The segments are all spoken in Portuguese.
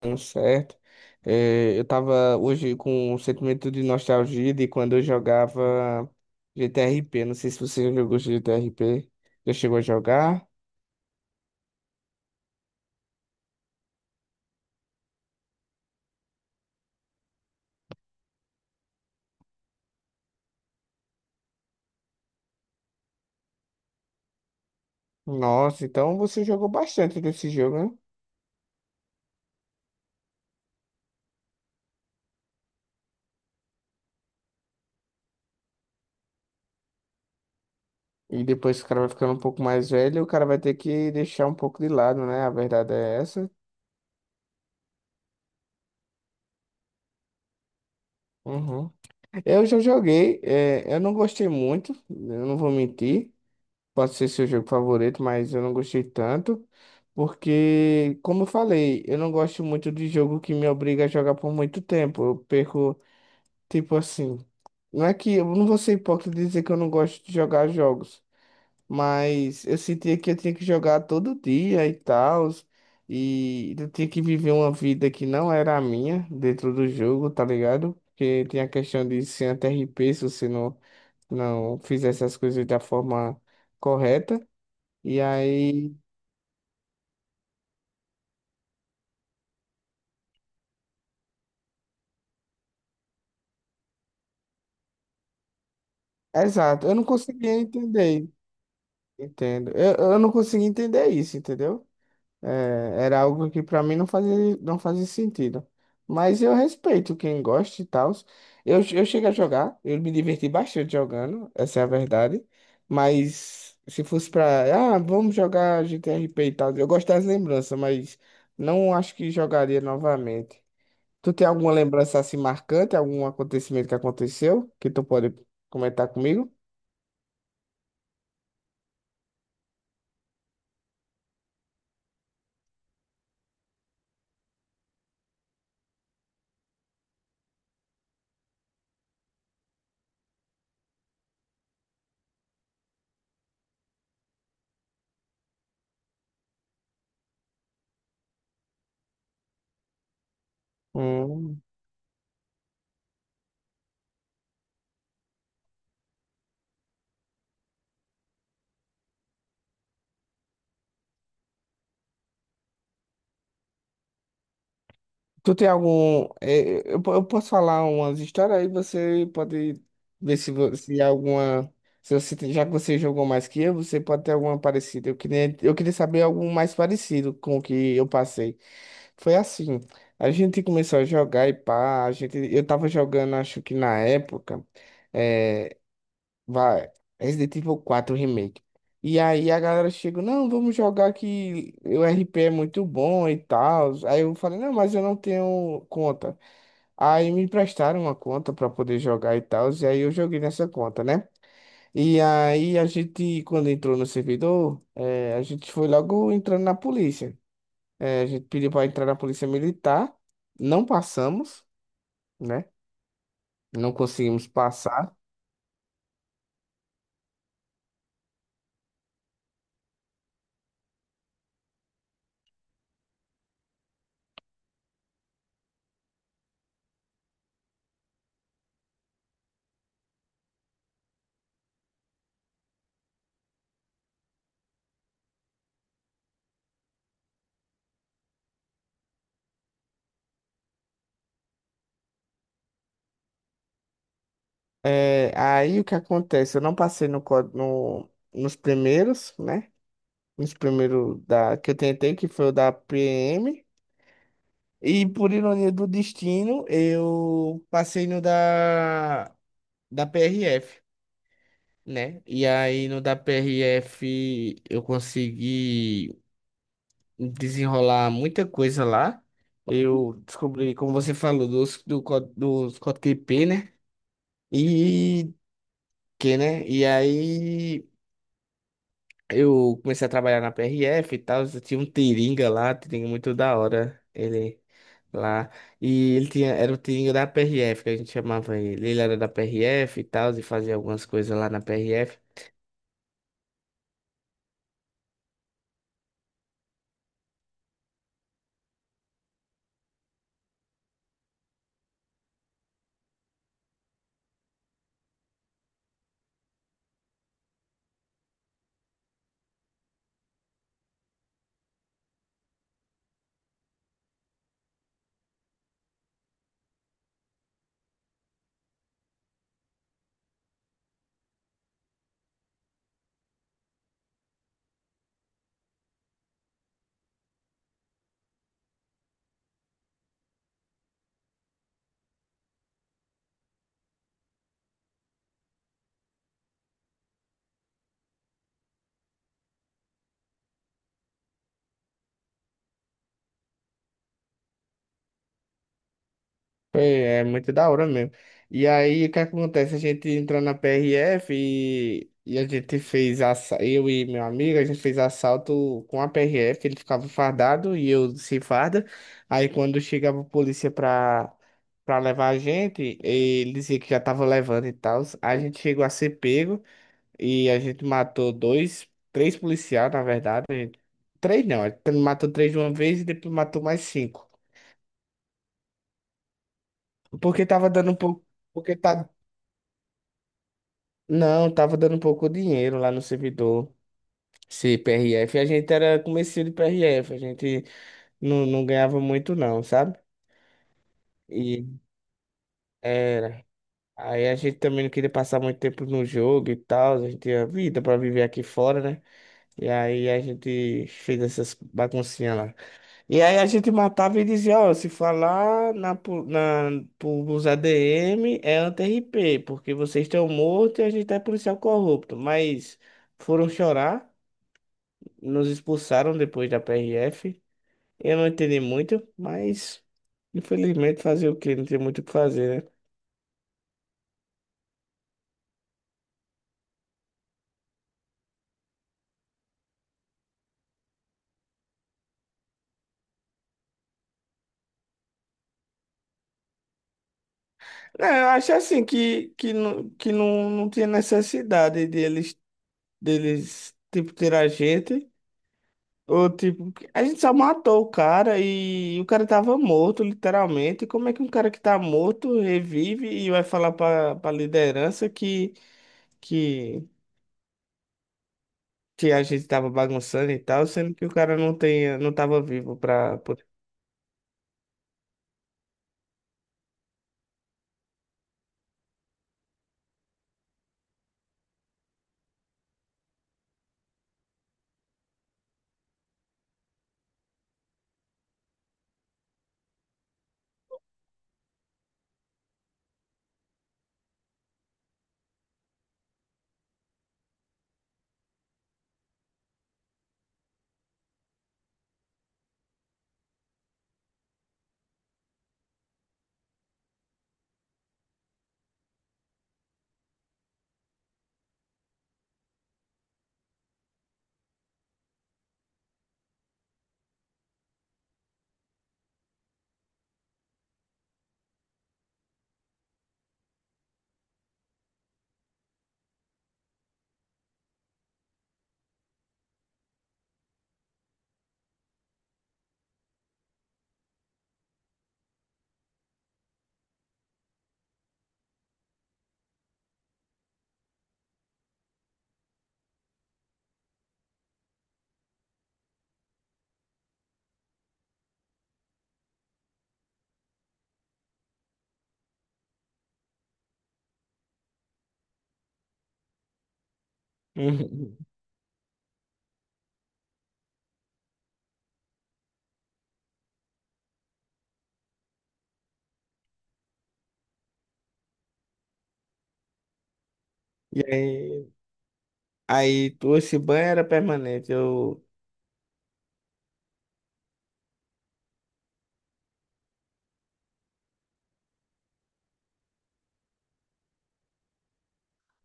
Tudo certo. É, eu tava hoje com um sentimento de nostalgia de quando eu jogava GTRP. Não sei se você já jogou GTRP. Já chegou a jogar? Nossa, então você jogou bastante desse jogo, né? E depois que o cara vai ficando um pouco mais velho, o cara vai ter que deixar um pouco de lado, né? A verdade é essa. Uhum. Eu já joguei, é, eu não gostei muito, eu não vou mentir. Pode ser seu jogo favorito, mas eu não gostei tanto, porque, como eu falei, eu não gosto muito de jogo que me obriga a jogar por muito tempo. Eu perco, tipo assim, não é que eu não vou ser hipócrita e dizer que eu não gosto de jogar jogos, mas eu sentia que eu tinha que jogar todo dia e tal, e eu tinha que viver uma vida que não era a minha dentro do jogo, tá ligado? Porque tem a questão de ser anti P se você não fizesse as coisas da forma correta. E aí. Exato, eu não conseguia entender. Entendo. Eu não conseguia entender isso, entendeu? É, era algo que pra mim não fazia sentido. Mas eu respeito quem gosta e tal. Eu cheguei a jogar, eu me diverti bastante jogando, essa é a verdade. Mas se fosse pra. Ah, vamos jogar GTRP e tal. Eu gosto das lembranças, mas não acho que jogaria novamente. Tu tem alguma lembrança assim marcante, algum acontecimento que aconteceu que tu pode comentar comigo? Hum. Tu tem algum. Eu posso falar umas histórias aí, você pode ver se, se alguma. Se você, já que você jogou mais que eu, você pode ter alguma parecida. Eu queria saber algo mais parecido com o que eu passei. Foi assim, a gente começou a jogar e pá, a gente, eu tava jogando, acho que na época. é, Vai, Resident Evil quatro Remake. E aí a galera chega, não, vamos jogar que o RP é muito bom e tal. Aí eu falei, não, mas eu não tenho conta. Aí me emprestaram uma conta pra poder jogar e tal. E aí eu joguei nessa conta, né? E aí a gente, quando entrou no servidor, a gente foi logo entrando na polícia. A gente pediu pra entrar na polícia militar, não passamos, né? Não conseguimos passar. É, aí o que acontece? Eu não passei nos primeiros, né? Nos primeiros da, que eu tentei, que foi o da PM. E por ironia do destino, eu passei no da PRF, né? E aí no da PRF eu consegui desenrolar muita coisa lá. Eu descobri, como você falou, dos código IP, né? E que, né? E aí. Eu comecei a trabalhar na PRF e tal, tinha um Tiringa lá, Tiringa muito da hora, ele lá. E ele tinha, era o Tiringa da PRF, que a gente chamava ele. Ele era da PRF e tal, e fazia algumas coisas lá na PRF. Foi, é muito da hora mesmo. E aí, o que acontece? A gente entrou na PRF e a gente fez eu e meu amigo, a gente fez assalto com a PRF, ele ficava fardado e eu sem farda. Aí quando chegava a polícia pra levar a gente, ele dizia que já tava levando e tal. A gente chegou a ser pego e a gente matou dois, três policiais, na verdade. A gente- Três não, a gente matou três de uma vez e depois matou mais cinco. Porque tava dando um pouco. Porque tá. Não, tava dando pouco dinheiro lá no servidor. Esse PRF, a gente era comecinho de PRF, a gente não ganhava muito não, sabe? E era. Aí a gente também não queria passar muito tempo no jogo e tal, a gente tinha vida pra viver aqui fora, né? E aí a gente fez essas baguncinhas lá. E aí a gente matava e dizia, ó, se falar na, pros ADM é anti-RP, porque vocês estão mortos e a gente é policial corrupto, mas foram chorar. Nos expulsaram depois da PRF. Eu não entendi muito, mas infelizmente fazer o quê? Não tem muito o que fazer, né? É, eu acho assim que, não, que não tinha necessidade deles, tipo, ter a gente. Ou tipo, a gente só matou o cara e o cara tava morto, literalmente. Como é que um cara que tá morto revive e vai falar pra liderança que, que a gente tava bagunçando e tal, sendo que o cara não tem, não tava vivo pra. Uhum. E aí, esse banho era permanente. Eu.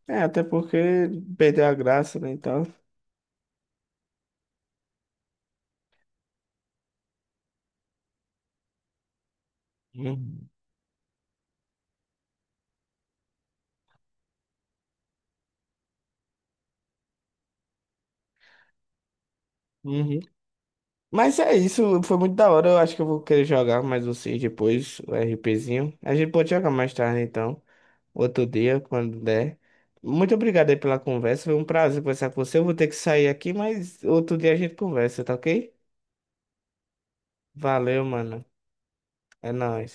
Até porque perdeu a graça, né, e tal. Uhum. Uhum. Mas é isso, foi muito da hora. Eu acho que eu vou querer jogar mais vocês depois, o RPzinho. A gente pode jogar mais tarde, então. Outro dia, quando der. Muito obrigado aí pela conversa. Foi um prazer conversar com você. Eu vou ter que sair aqui, mas outro dia a gente conversa, tá ok? Valeu, mano. É nóis.